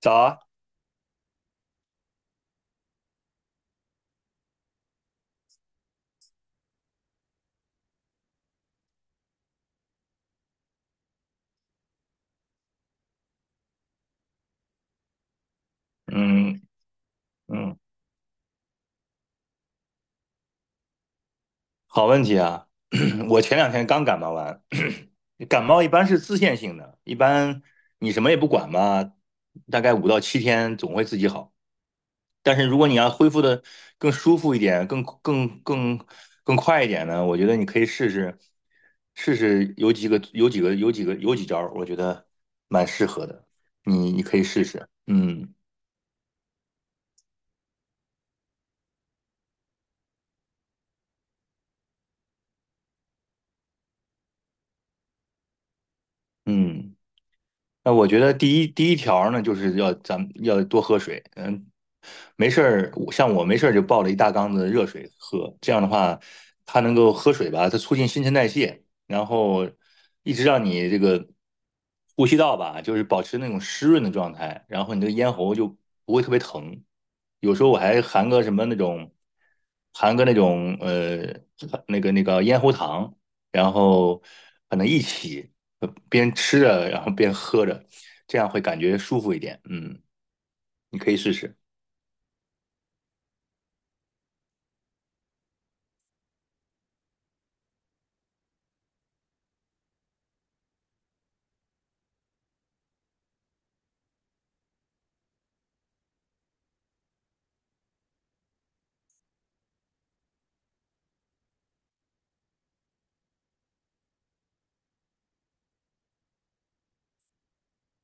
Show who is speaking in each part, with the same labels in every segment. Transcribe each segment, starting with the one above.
Speaker 1: 早啊，嗯嗯，好问题啊！我前两天刚感冒完，感冒一般是自限性的，一般你什么也不管嘛，大概5到7天总会自己好。但是如果你要恢复的更舒服一点，更快一点呢，我觉得你可以试试，有几招儿我觉得蛮适合的，你可以试试。嗯嗯。那我觉得第一条呢，就是要咱们要多喝水。嗯，没事儿，我像我没事儿就抱着一大缸子热水喝，这样的话，它能够喝水吧，它促进新陈代谢，然后一直让你这个呼吸道吧，就是保持那种湿润的状态，然后你这个咽喉就不会特别疼。有时候我还含个什么那种，含个那种那个咽喉糖。然后可能一起边吃着，然后边喝着，这样会感觉舒服一点。嗯，你可以试试。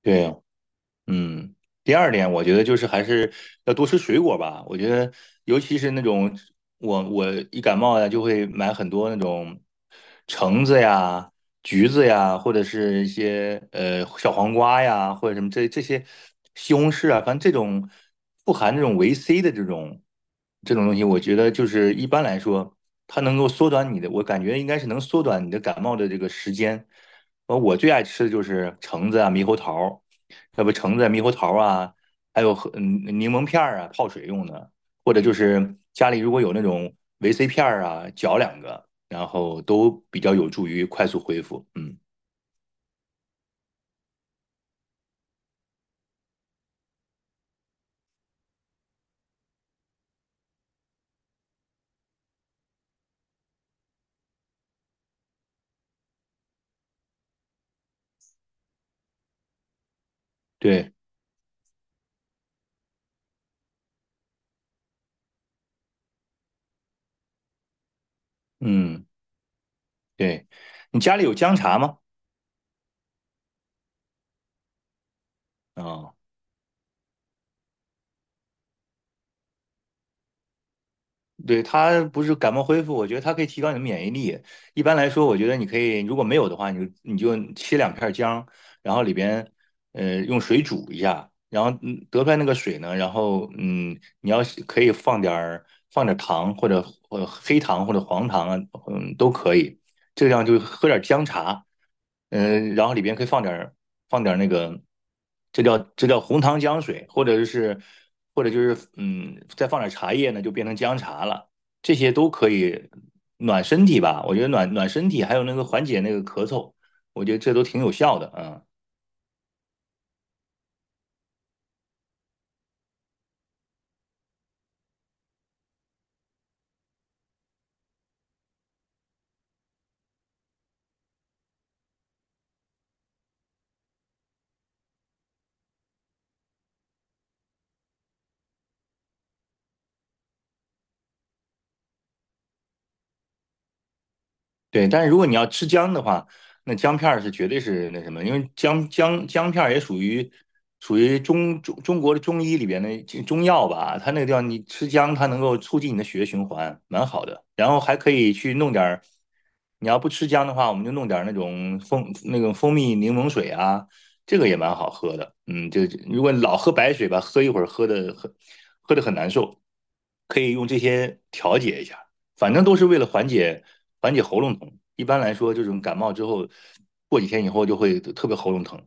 Speaker 1: 对，嗯，第二点，我觉得就是还是要多吃水果吧。我觉得，尤其是那种我一感冒呀，就会买很多那种橙子呀、橘子呀，或者是一些小黄瓜呀，或者什么这些西红柿啊，反正这种富含这种维 C 的这种东西，我觉得就是一般来说，它能够缩短你的，我感觉应该是能缩短你的感冒的这个时间。呃，我最爱吃的就是橙子啊、猕猴桃。要不橙子、猕猴桃啊，还有和柠檬片儿啊，泡水用的，或者就是家里如果有那种维 C 片儿啊，嚼两个，然后都比较有助于快速恢复。嗯，对，嗯，对，你家里有姜茶吗？啊、对，它不是感冒恢复，我觉得它可以提高你的免疫力。一般来说，我觉得你可以，如果没有的话，你就切两片姜，然后里边用水煮一下，然后得出来那个水呢，然后你要是可以放点儿糖或者黑糖或者黄糖啊，嗯都可以，这样就喝点姜茶，然后里边可以放点儿那个，这叫红糖姜水，或者就是再放点茶叶呢，就变成姜茶了。这些都可以暖身体吧，我觉得暖暖身体，还有那个缓解那个咳嗽，我觉得这都挺有效的啊。对，但是如果你要吃姜的话，那姜片儿是绝对是那什么，因为姜片儿也属于中国的中医里边的中药吧，它那个地方你吃姜，它能够促进你的血液循环，蛮好的。然后还可以去弄点儿，你要不吃姜的话，我们就弄点儿那种那种蜂蜜柠檬水啊，这个也蛮好喝的。嗯，就如果老喝白水吧，喝一会儿喝的很难受，可以用这些调节一下。反正都是为了缓解喉咙痛。一般来说，这种感冒之后，过几天以后就会特别喉咙疼，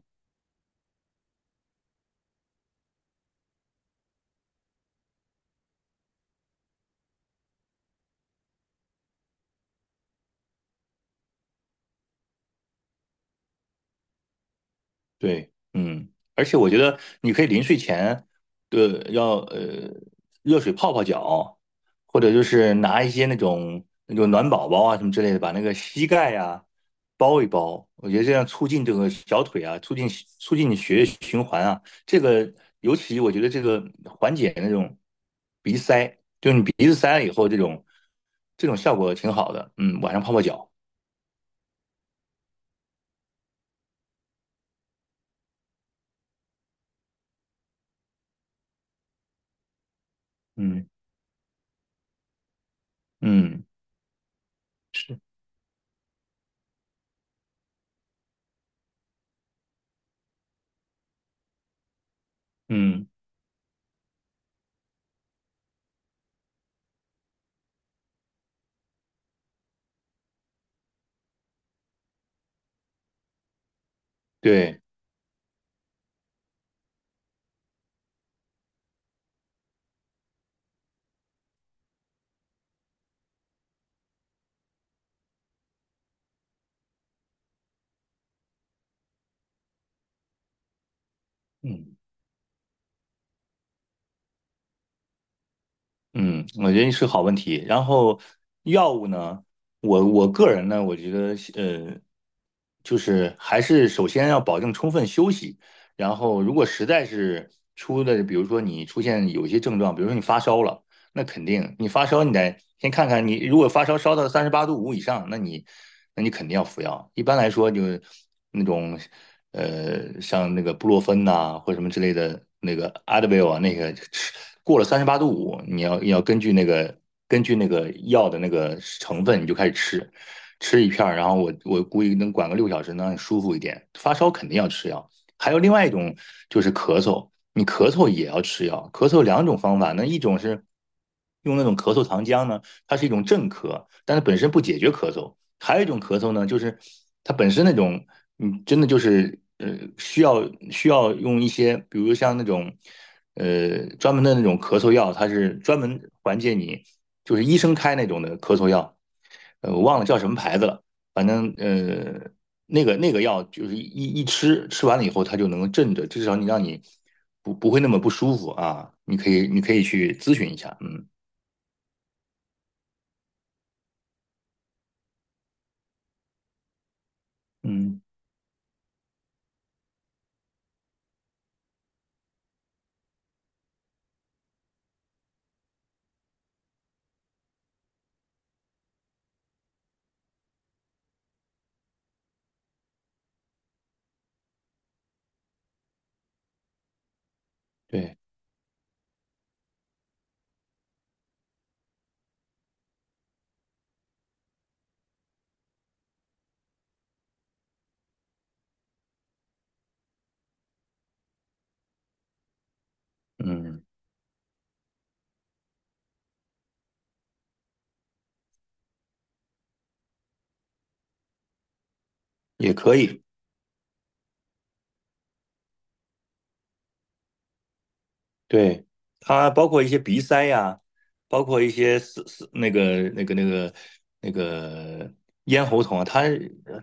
Speaker 1: 对，嗯，而且我觉得你可以临睡前，对，要热水泡泡脚，或者就是拿一些那种暖宝宝啊什么之类的，把那个膝盖呀、包一包。我觉得这样促进这个小腿啊，促进你血液循环啊。这个尤其我觉得这个缓解那种鼻塞，就是你鼻子塞了以后，这种效果挺好的。嗯，晚上泡泡脚，嗯嗯是，嗯对，嗯。嗯，我觉得是个好问题。然后药物呢，我个人呢，我觉得就是还是首先要保证充分休息。然后如果实在是出的，比如说你出现有一些症状，比如说你发烧了，那肯定你发烧你得先看看你，如果发烧烧到三十八度五以上，那你肯定要服药。一般来说，就是那种。呃，像那个布洛芬呐、或者什么之类的那个 Advil 啊，那个吃过了三十八度五，你要根据那个药的那个成分，你就开始吃，吃一片儿，然后我估计能管个6小时，能让你舒服一点。发烧肯定要吃药，还有另外一种就是咳嗽，你咳嗽也要吃药，咳嗽两种方法，那一种是用那种咳嗽糖浆呢。它是一种镇咳，但它本身不解决咳嗽。还有一种咳嗽呢，就是它本身那种，嗯，真的就是需要用一些，比如像那种专门的那种咳嗽药，它是专门缓解你，就是医生开那种的咳嗽药，呃，我忘了叫什么牌子了，反正。那个那个药就是一吃，吃完了以后它就能镇着，至少你让你不会那么不舒服啊。你可以去咨询一下，嗯嗯，对，嗯，也可以，对，它包括一些鼻塞呀，包括一些是是那个咽喉痛啊，它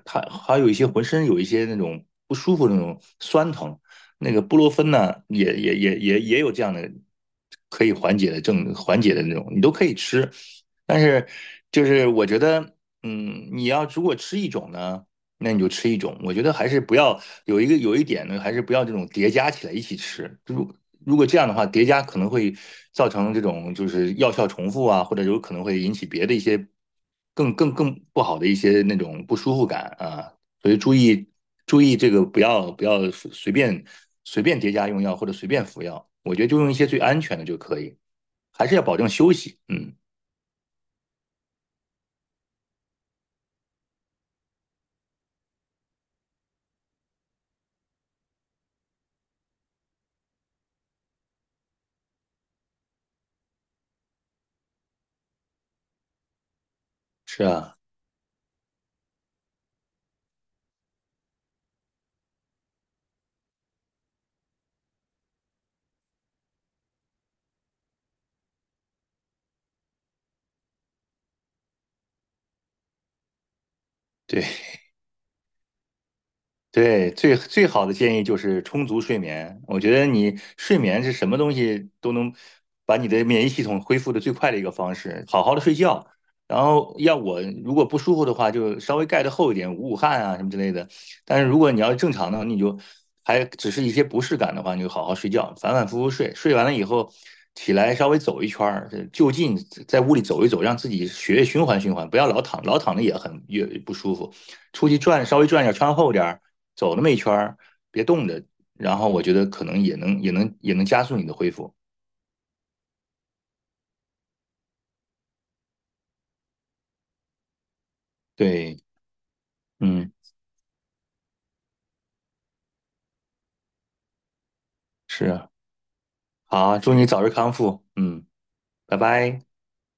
Speaker 1: 它还有一些浑身有一些那种不舒服的那种酸疼，那个布洛芬呢，也有这样的可以缓解的缓解的那种，你都可以吃，但是就是我觉得，嗯，你要如果吃一种呢。那你就吃一种。我觉得还是不要有一点呢，还是不要这种叠加起来一起吃。如果这样的话，叠加可能会造成这种就是药效重复啊，或者有可能会引起别的一些更不好的一些那种不舒服感啊。所以注意这个不要随便叠加用药或者随便服药。我觉得就用一些最安全的就可以，还是要保证休息。嗯，是啊，对。对，最最好的建议就是充足睡眠。我觉得你睡眠是什么东西都能把你的免疫系统恢复的最快的一个方式。好好的睡觉，然后要我如果不舒服的话，就稍微盖得厚一点，捂捂汗啊什么之类的。但是如果你要是正常的，你就还只是一些不适感的话，你就好好睡觉，反反复复睡。睡完了以后起来稍微走一圈儿，就近在屋里走一走，让自己血液循环循环，不要老躺，老躺着也很也不舒服。出去转稍微转一下，穿厚点儿。走那么一圈儿，别冻着，然后我觉得可能也能加速你的恢复。对，嗯，是啊，好，祝你早日康复，嗯，拜拜。